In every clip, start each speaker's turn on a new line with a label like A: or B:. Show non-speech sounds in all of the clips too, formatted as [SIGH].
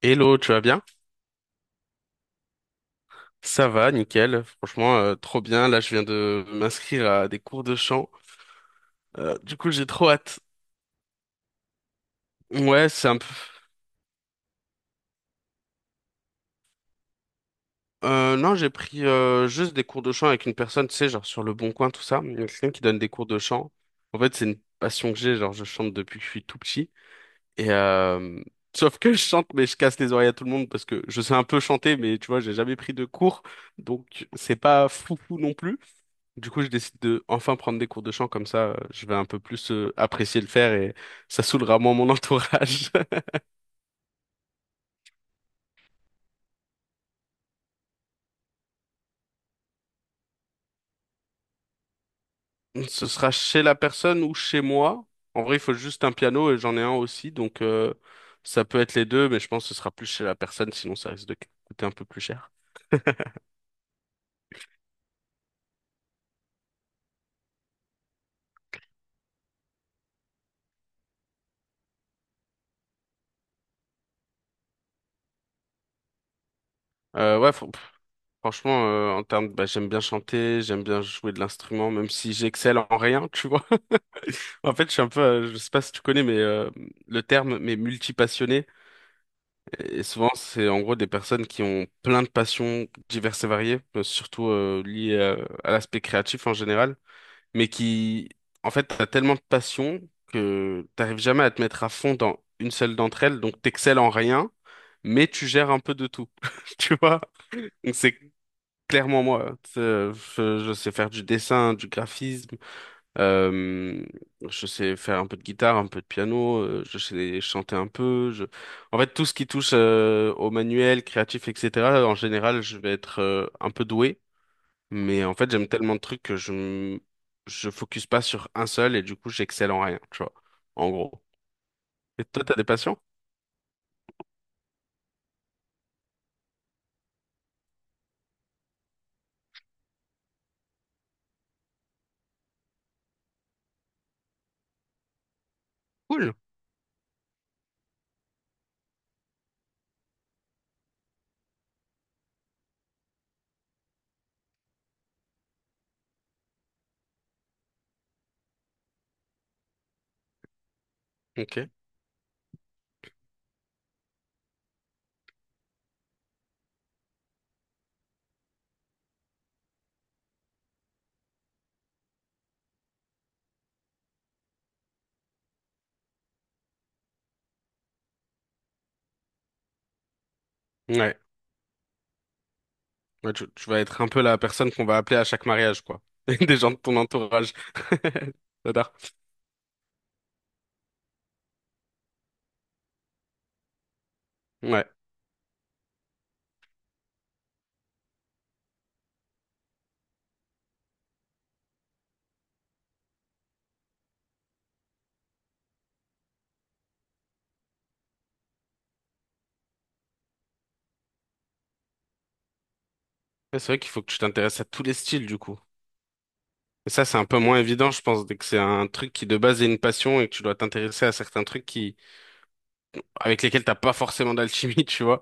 A: Hello, tu vas bien? Ça va, nickel. Franchement, trop bien. Là, je viens de m'inscrire à des cours de chant. Du coup, j'ai trop hâte. Ouais, c'est un peu... non, j'ai pris juste des cours de chant avec une personne, tu sais, genre sur Le Bon Coin, tout ça. Il y a quelqu'un qui donne des cours de chant. En fait, c'est une passion que j'ai. Genre, je chante depuis que je suis tout petit. Et sauf que je chante, mais je casse les oreilles à tout le monde parce que je sais un peu chanter, mais tu vois, j'ai jamais pris de cours, donc c'est pas foufou non plus. Du coup, je décide de enfin prendre des cours de chant, comme ça, je vais un peu plus apprécier le faire et ça saoulera moins mon entourage. [LAUGHS] Ce sera chez la personne ou chez moi. En vrai, il faut juste un piano et j'en ai un aussi, donc ça peut être les deux, mais je pense que ce sera plus chez la personne, sinon ça risque de coûter un peu plus cher. Euh, ouais, faut- pff, franchement, en bah, j'aime bien chanter, j'aime bien jouer de l'instrument, même si j'excelle en rien, tu vois. [LAUGHS] En fait, je suis un peu, je sais pas si tu connais, mais le terme, mais multi. Et souvent, c'est en gros des personnes qui ont plein de passions diverses et variées, surtout liées à l'aspect créatif en général, mais qui, en fait, t'as tellement de passions que t'arrives jamais à te mettre à fond dans une seule d'entre elles, donc t'excelles en rien, mais tu gères un peu de tout, [LAUGHS] tu vois? Donc c'est clairement moi. Je sais faire du dessin, du graphisme, euh, je sais faire un peu de guitare, un peu de piano, je sais chanter un peu. Je... En fait, tout ce qui touche au manuel, créatif, etc., en général, je vais être un peu doué. Mais en fait, j'aime tellement de trucs que je focus pas sur un seul et du coup, j'excelle en rien, tu vois, en gros. Et toi, t'as des passions? Cool. Ok. Ouais. Ouais, tu vas être un peu la personne qu'on va appeler à chaque mariage, quoi. [LAUGHS] Des gens de ton entourage. [LAUGHS] J'adore. Ouais. Mais c'est vrai qu'il faut que tu t'intéresses à tous les styles, du coup. Et ça, c'est un peu moins évident, je pense, dès que c'est un truc qui de base est une passion et que tu dois t'intéresser à certains trucs qui, avec lesquels t'as pas forcément d'alchimie, [LAUGHS] tu vois.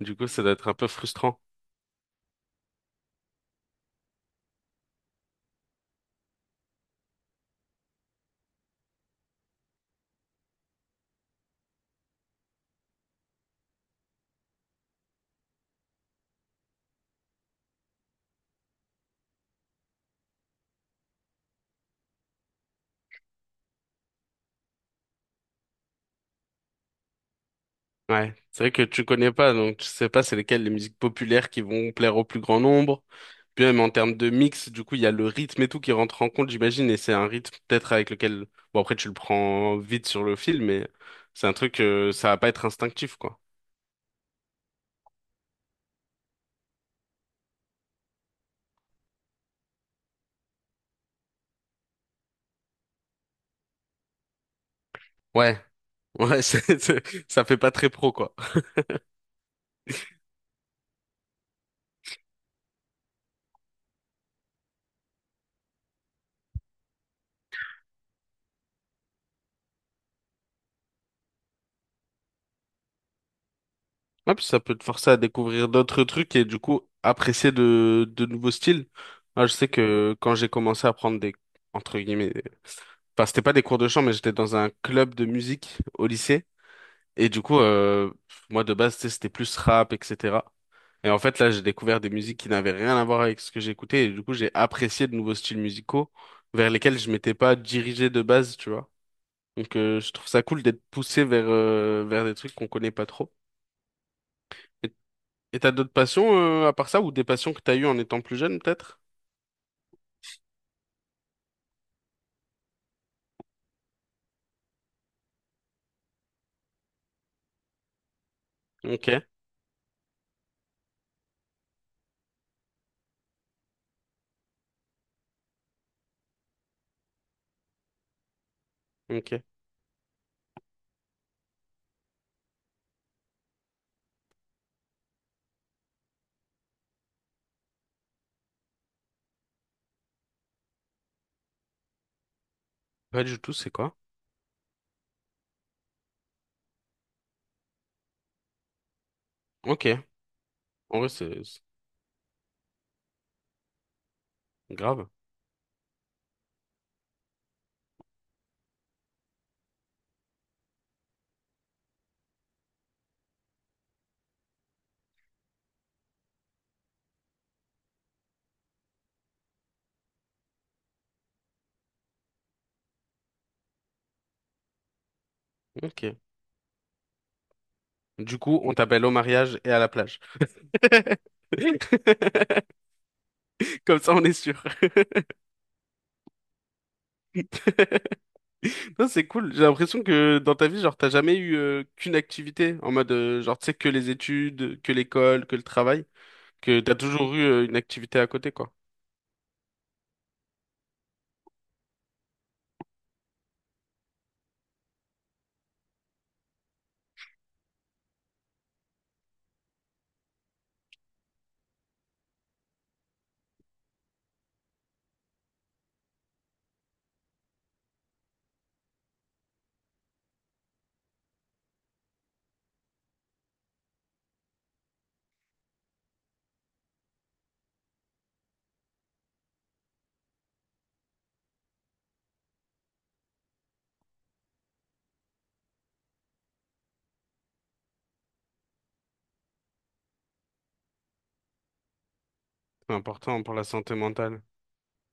A: Du coup, ça doit être un peu frustrant. Ouais. C'est vrai que tu connais pas, donc tu sais pas c'est lesquelles les musiques populaires qui vont plaire au plus grand nombre. Puis même en termes de mix, du coup, il y a le rythme et tout qui rentre en compte, j'imagine, et c'est un rythme peut-être avec lequel, bon après tu le prends vite sur le fil, mais c'est un truc, ça va pas être instinctif, quoi. Ouais. Ouais, [LAUGHS] ça fait pas très pro, quoi. Ouais, puis ça peut te forcer à découvrir d'autres trucs et du coup apprécier de nouveaux styles. Moi, je sais que quand j'ai commencé à prendre des, entre guillemets, enfin, c'était pas des cours de chant, mais j'étais dans un club de musique au lycée. Et du coup, moi, de base, tu sais, c'était plus rap, etc. Et en fait, là, j'ai découvert des musiques qui n'avaient rien à voir avec ce que j'écoutais. Et du coup, j'ai apprécié de nouveaux styles musicaux vers lesquels je m'étais pas dirigé de base, tu vois. Donc, je trouve ça cool d'être poussé vers, vers des trucs qu'on connaît pas trop. Et t'as d'autres passions à part ça ou des passions que t'as eues en étant plus jeune peut-être? Ok, ok. Pas du tout, c'est quoi? Ok. En vrai, c'est grave. Ok. Du coup, on t'appelle au mariage et à la plage. [LAUGHS] Comme ça, on est sûr. [LAUGHS] Non, c'est cool. J'ai l'impression que dans ta vie, genre, t'as jamais eu qu'une activité en mode, genre, tu sais, que les études, que l'école, que le travail, que t'as toujours eu une activité à côté, quoi. C'est important pour la santé mentale.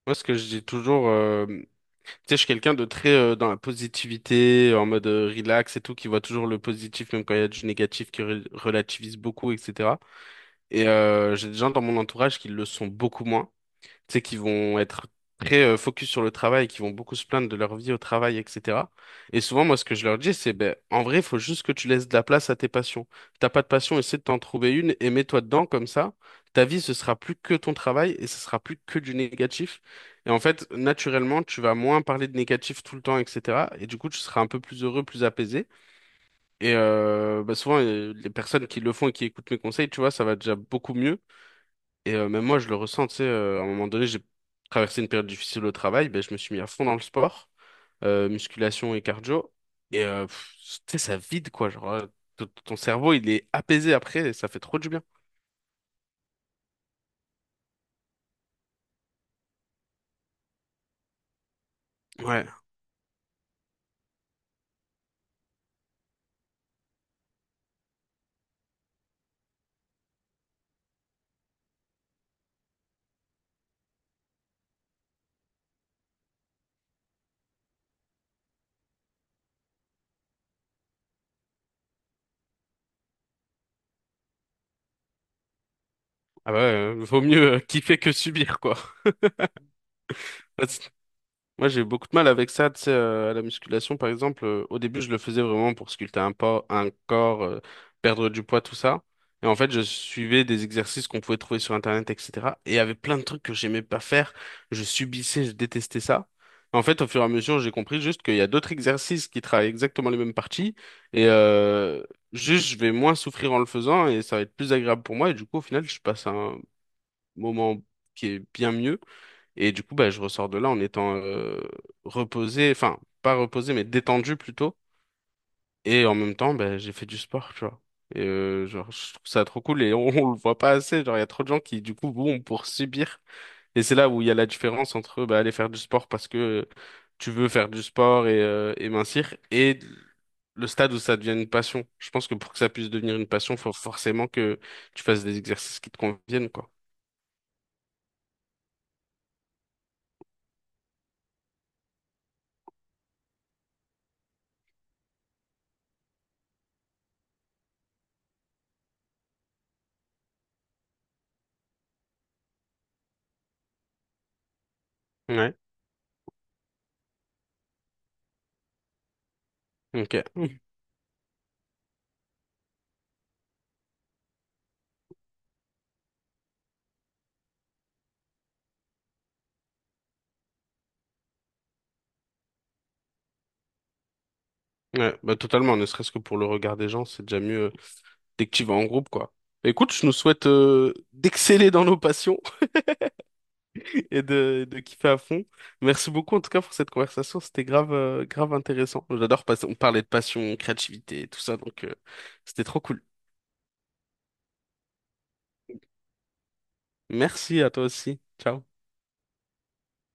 A: Moi, ce que je dis toujours, tu sais, je suis quelqu'un de très dans la positivité, en mode relax et tout, qui voit toujours le positif, même quand il y a du négatif, qui relativise beaucoup, etc. J'ai des gens dans mon entourage qui le sont beaucoup moins, tu sais, qui vont être très focus sur le travail, qui vont beaucoup se plaindre de leur vie au travail, etc. Et souvent, moi, ce que je leur dis, c'est, ben, en vrai, il faut juste que tu laisses de la place à tes passions. T'as pas de passion, essaie de t'en trouver une et mets-toi dedans comme ça. Ta vie, ce sera plus que ton travail et ce sera plus que du négatif. Et en fait, naturellement, tu vas moins parler de négatif tout le temps, etc. Et du coup, tu seras un peu plus heureux, plus apaisé. Et bah, souvent, les personnes qui le font et qui écoutent mes conseils, tu vois, ça va déjà beaucoup mieux et même moi, je le ressens, tu sais, à un moment donné, j'ai traversé une période difficile au travail, ben, je me suis mis à fond dans le sport, musculation et cardio. Et euh, pff, tu sais, ça vide, quoi. Genre, ton cerveau, il est apaisé après, et ça fait trop du bien. Ouais. Ah bah ouais, vaut mieux kiffer que subir, quoi. [LAUGHS] Moi, j'ai eu beaucoup de mal avec ça, tu sais, à la musculation, par exemple. Au début, je le faisais vraiment pour sculpter un corps, perdre du poids, tout ça. Et en fait, je suivais des exercices qu'on pouvait trouver sur Internet, etc. Et il y avait plein de trucs que j'aimais pas faire. Je subissais, je détestais ça. En fait, au fur et à mesure, j'ai compris juste qu'il y a d'autres exercices qui travaillent exactement les mêmes parties. Et euh, juste, je vais moins souffrir en le faisant et ça va être plus agréable pour moi. Et du coup, au final, je passe un moment qui est bien mieux. Et du coup, bah, je ressors de là en étant reposé, enfin, pas reposé, mais détendu plutôt. Et en même temps, bah, j'ai fait du sport, tu vois. Et genre, je trouve ça trop cool et on le voit pas assez. Genre, il y a trop de gens qui, du coup, vont pour subir. Et c'est là où il y a la différence entre bah, aller faire du sport parce que tu veux faire du sport et mincir et le stade où ça devient une passion. Je pense que pour que ça puisse devenir une passion, faut forcément que tu fasses des exercices qui te conviennent, quoi. Ouais. Ok. Ouais, bah totalement, ne serait-ce que pour le regard des gens, c'est déjà mieux dès que tu vas en groupe, quoi. Bah, écoute, je nous souhaite d'exceller dans nos passions [LAUGHS] et de kiffer à fond. Merci beaucoup en tout cas pour cette conversation, c'était grave intéressant. J'adore, on parlait de passion, créativité, tout ça, donc c'était trop cool. Merci à toi aussi. Ciao.